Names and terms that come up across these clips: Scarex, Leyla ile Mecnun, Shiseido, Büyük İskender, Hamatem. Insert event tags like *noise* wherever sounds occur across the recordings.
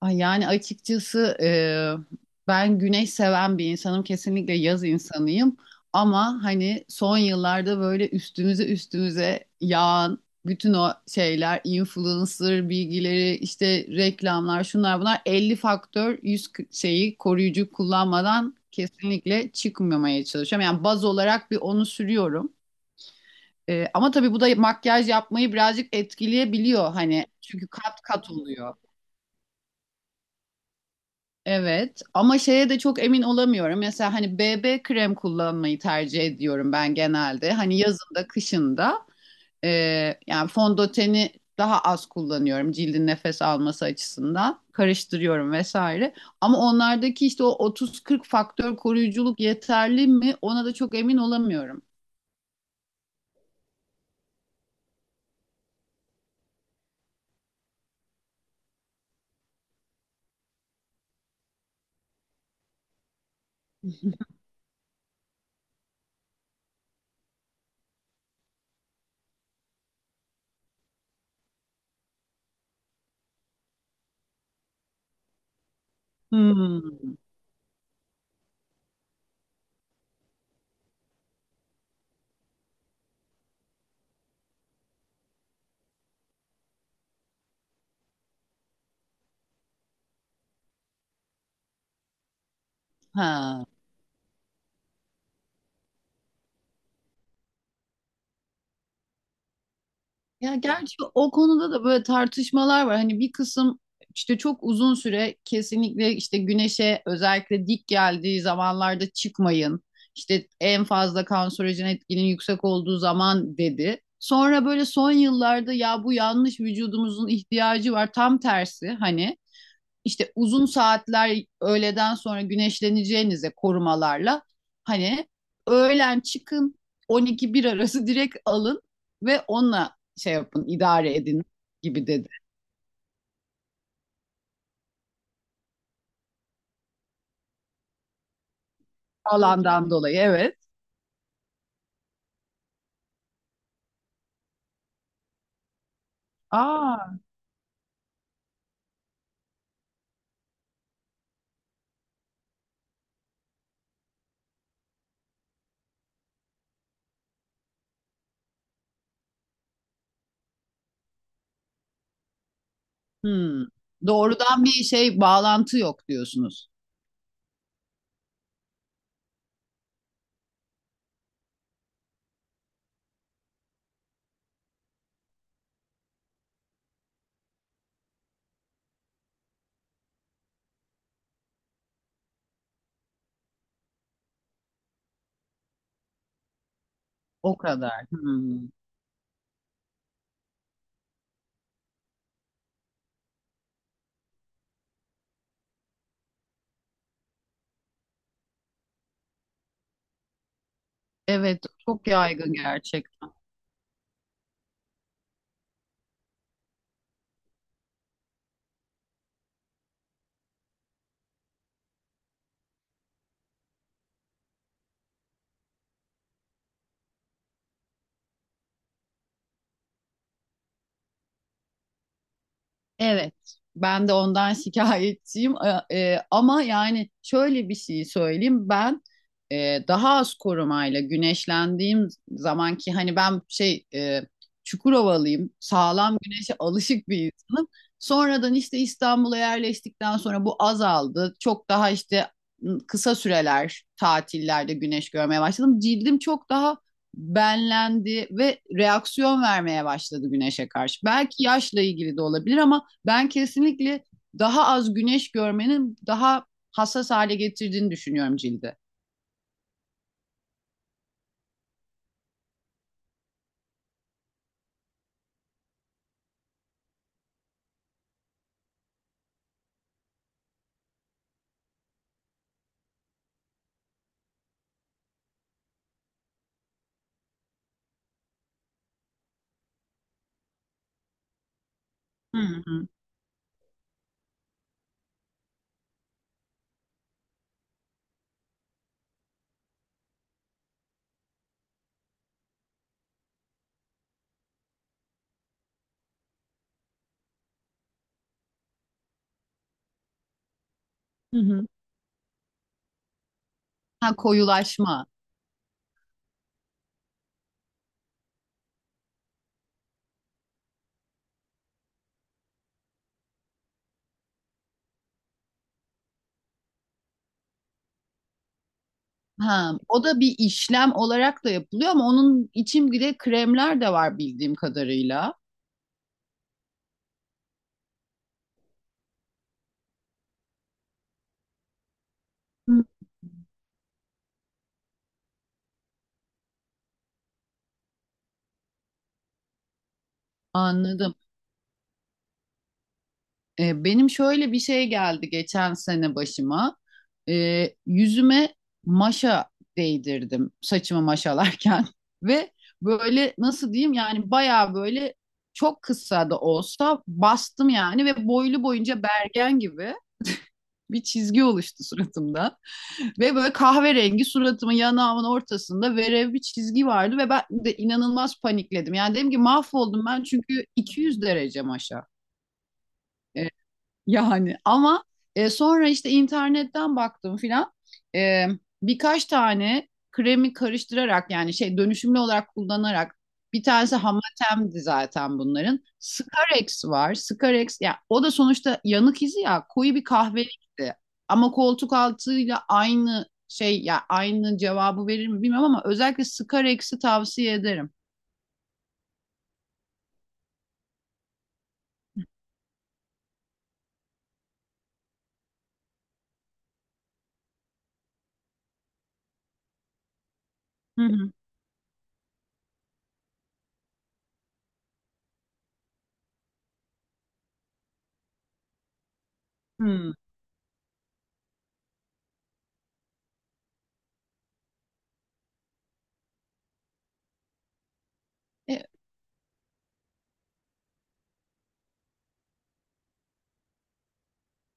Ay yani açıkçası ben güneş seven bir insanım. Kesinlikle yaz insanıyım. Ama hani son yıllarda böyle üstümüze üstümüze yağan bütün o şeyler, influencer bilgileri, işte reklamlar, şunlar bunlar 50 faktör 100 şeyi koruyucu kullanmadan kesinlikle çıkmamaya çalışıyorum. Yani baz olarak bir onu sürüyorum. Ama tabii bu da makyaj yapmayı birazcık etkileyebiliyor hani. Çünkü kat kat oluyor. Evet, ama şeye de çok emin olamıyorum. Mesela hani BB krem kullanmayı tercih ediyorum ben genelde. Hani yazında, kışında e, yani fondöteni daha az kullanıyorum cildin nefes alması açısından. Karıştırıyorum vesaire. Ama onlardaki işte o 30-40 faktör koruyuculuk yeterli mi? Ona da çok emin olamıyorum. Hmm. Ha. Ya gerçi o konuda da böyle tartışmalar var. Hani bir kısım işte çok uzun süre kesinlikle işte güneşe özellikle dik geldiği zamanlarda çıkmayın. İşte en fazla kanserojen etkinin yüksek olduğu zaman dedi. Sonra böyle son yıllarda ya bu yanlış, vücudumuzun ihtiyacı var tam tersi, hani işte uzun saatler öğleden sonra güneşleneceğinize korumalarla, hani öğlen çıkın 12-1 arası *laughs* direkt alın ve onunla şey yapın, idare edin gibi dedi. Alandan dolayı, evet. Aa. Hmm. Doğrudan bir şey bağlantı yok diyorsunuz. O kadar. Hmm. Evet, çok yaygın gerçekten. Evet, ben de ondan *laughs* şikayetçiyim. Ama yani şöyle bir şey söyleyeyim. Ben daha az korumayla güneşlendiğim zaman, ki hani ben şey, Çukurovalıyım, sağlam güneşe alışık bir insanım. Sonradan işte İstanbul'a yerleştikten sonra bu azaldı. Çok daha işte kısa süreler tatillerde güneş görmeye başladım. Cildim çok daha benlendi ve reaksiyon vermeye başladı güneşe karşı. Belki yaşla ilgili de olabilir ama ben kesinlikle daha az güneş görmenin daha hassas hale getirdiğini düşünüyorum cildi. Hı hı. Hı hı. Ha, koyulaşma. Ha, o da bir işlem olarak da yapılıyor ama onun için bile kremler de var bildiğim kadarıyla. Hı. Anladım. Benim şöyle bir şey geldi geçen sene başıma. Yüzüme maşa değdirdim saçımı maşalarken *laughs* ve böyle nasıl diyeyim, yani bayağı böyle çok kısa da olsa bastım yani, ve boylu boyunca bergen gibi bir çizgi oluştu suratımda. *laughs* Ve böyle kahverengi suratımın yanağımın ortasında verev bir çizgi vardı ve ben de inanılmaz panikledim. Yani dedim ki mahvoldum ben, çünkü 200 derece maşa. Yani ama sonra işte internetten baktım filan. E, Birkaç tane kremi karıştırarak, yani şey, dönüşümlü olarak kullanarak. Bir tanesi Hamatem'di zaten bunların. Scarex var. Scarex, ya o da sonuçta yanık izi, ya koyu bir kahverengi. Ama koltuk altıyla aynı şey, ya aynı cevabı verir mi bilmiyorum, ama özellikle Scarex'i tavsiye ederim. Hı hı. Hı. E,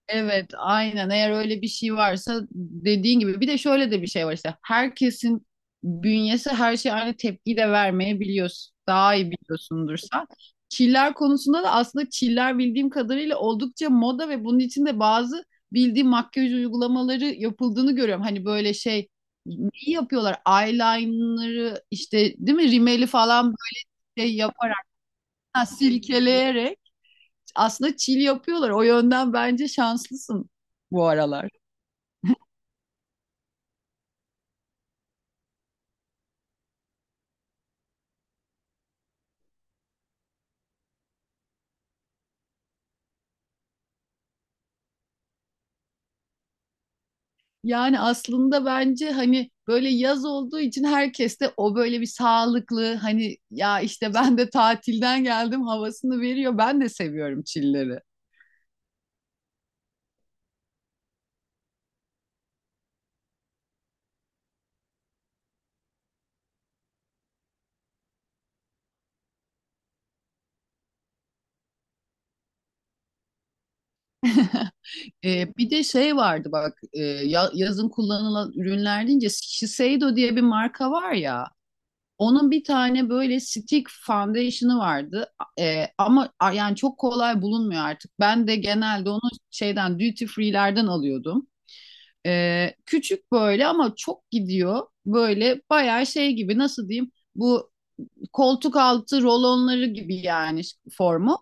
Evet, aynen. Eğer öyle bir şey varsa, dediğin gibi bir de şöyle de bir şey var işte. Herkesin bünyesi her şeye aynı tepkiyi de vermeyebiliyorsun. Daha iyi biliyorsundur sen. Çiller konusunda da aslında çiller bildiğim kadarıyla oldukça moda ve bunun içinde bazı bildiğim makyaj uygulamaları yapıldığını görüyorum. Hani böyle şey neyi yapıyorlar? Eyeliner'ı işte, değil mi? Rimeli falan, böyle şey yaparak, ha, silkeleyerek aslında chill yapıyorlar. O yönden bence şanslısın bu aralar. Yani aslında bence hani böyle yaz olduğu için herkes de o böyle bir sağlıklı, hani ya işte ben de tatilden geldim havasını veriyor. Ben de seviyorum chill'leri. Bir de şey vardı bak, yazın kullanılan ürünler deyince Shiseido diye bir marka var ya, onun bir tane böyle stick foundation'ı vardı. Yani çok kolay bulunmuyor artık. Ben de genelde onu şeyden, duty free'lerden alıyordum. Küçük böyle, ama çok gidiyor. Böyle bayağı şey gibi, nasıl diyeyim, bu koltuk altı rolonları gibi yani formu.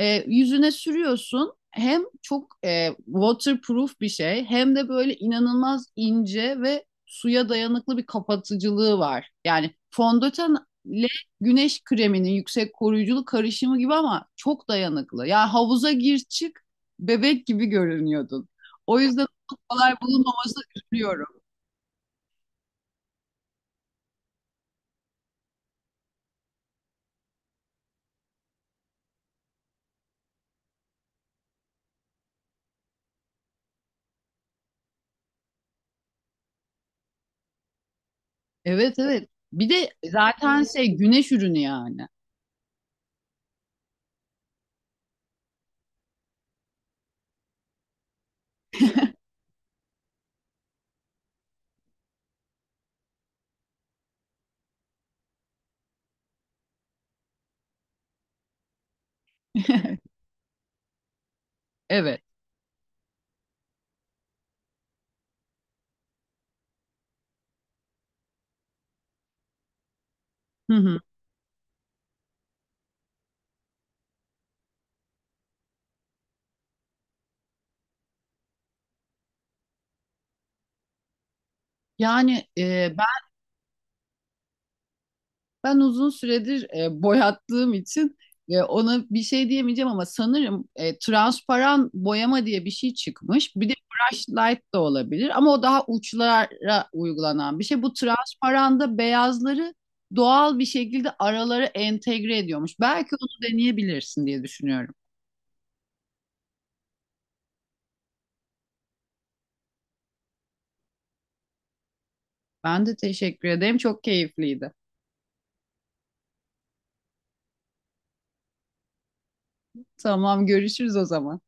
Yüzüne sürüyorsun. Hem çok waterproof bir şey, hem de böyle inanılmaz ince ve suya dayanıklı bir kapatıcılığı var. Yani fondöten ile güneş kreminin yüksek koruyuculuk karışımı gibi, ama çok dayanıklı. Yani havuza gir çık, bebek gibi görünüyordun. O yüzden çok kolay bulunmamasına üzülüyorum. Evet, evet. Bir de zaten şey, güneş ürünü yani. *laughs* Evet. Hı hı. Yani ben uzun süredir boyattığım için ona bir şey diyemeyeceğim, ama sanırım transparan boyama diye bir şey çıkmış. Bir de brush light da olabilir ama o daha uçlara uygulanan bir şey. Bu transparanda beyazları doğal bir şekilde aralara entegre ediyormuş. Belki onu deneyebilirsin diye düşünüyorum. Ben de teşekkür ederim. Çok keyifliydi. Tamam, görüşürüz o zaman.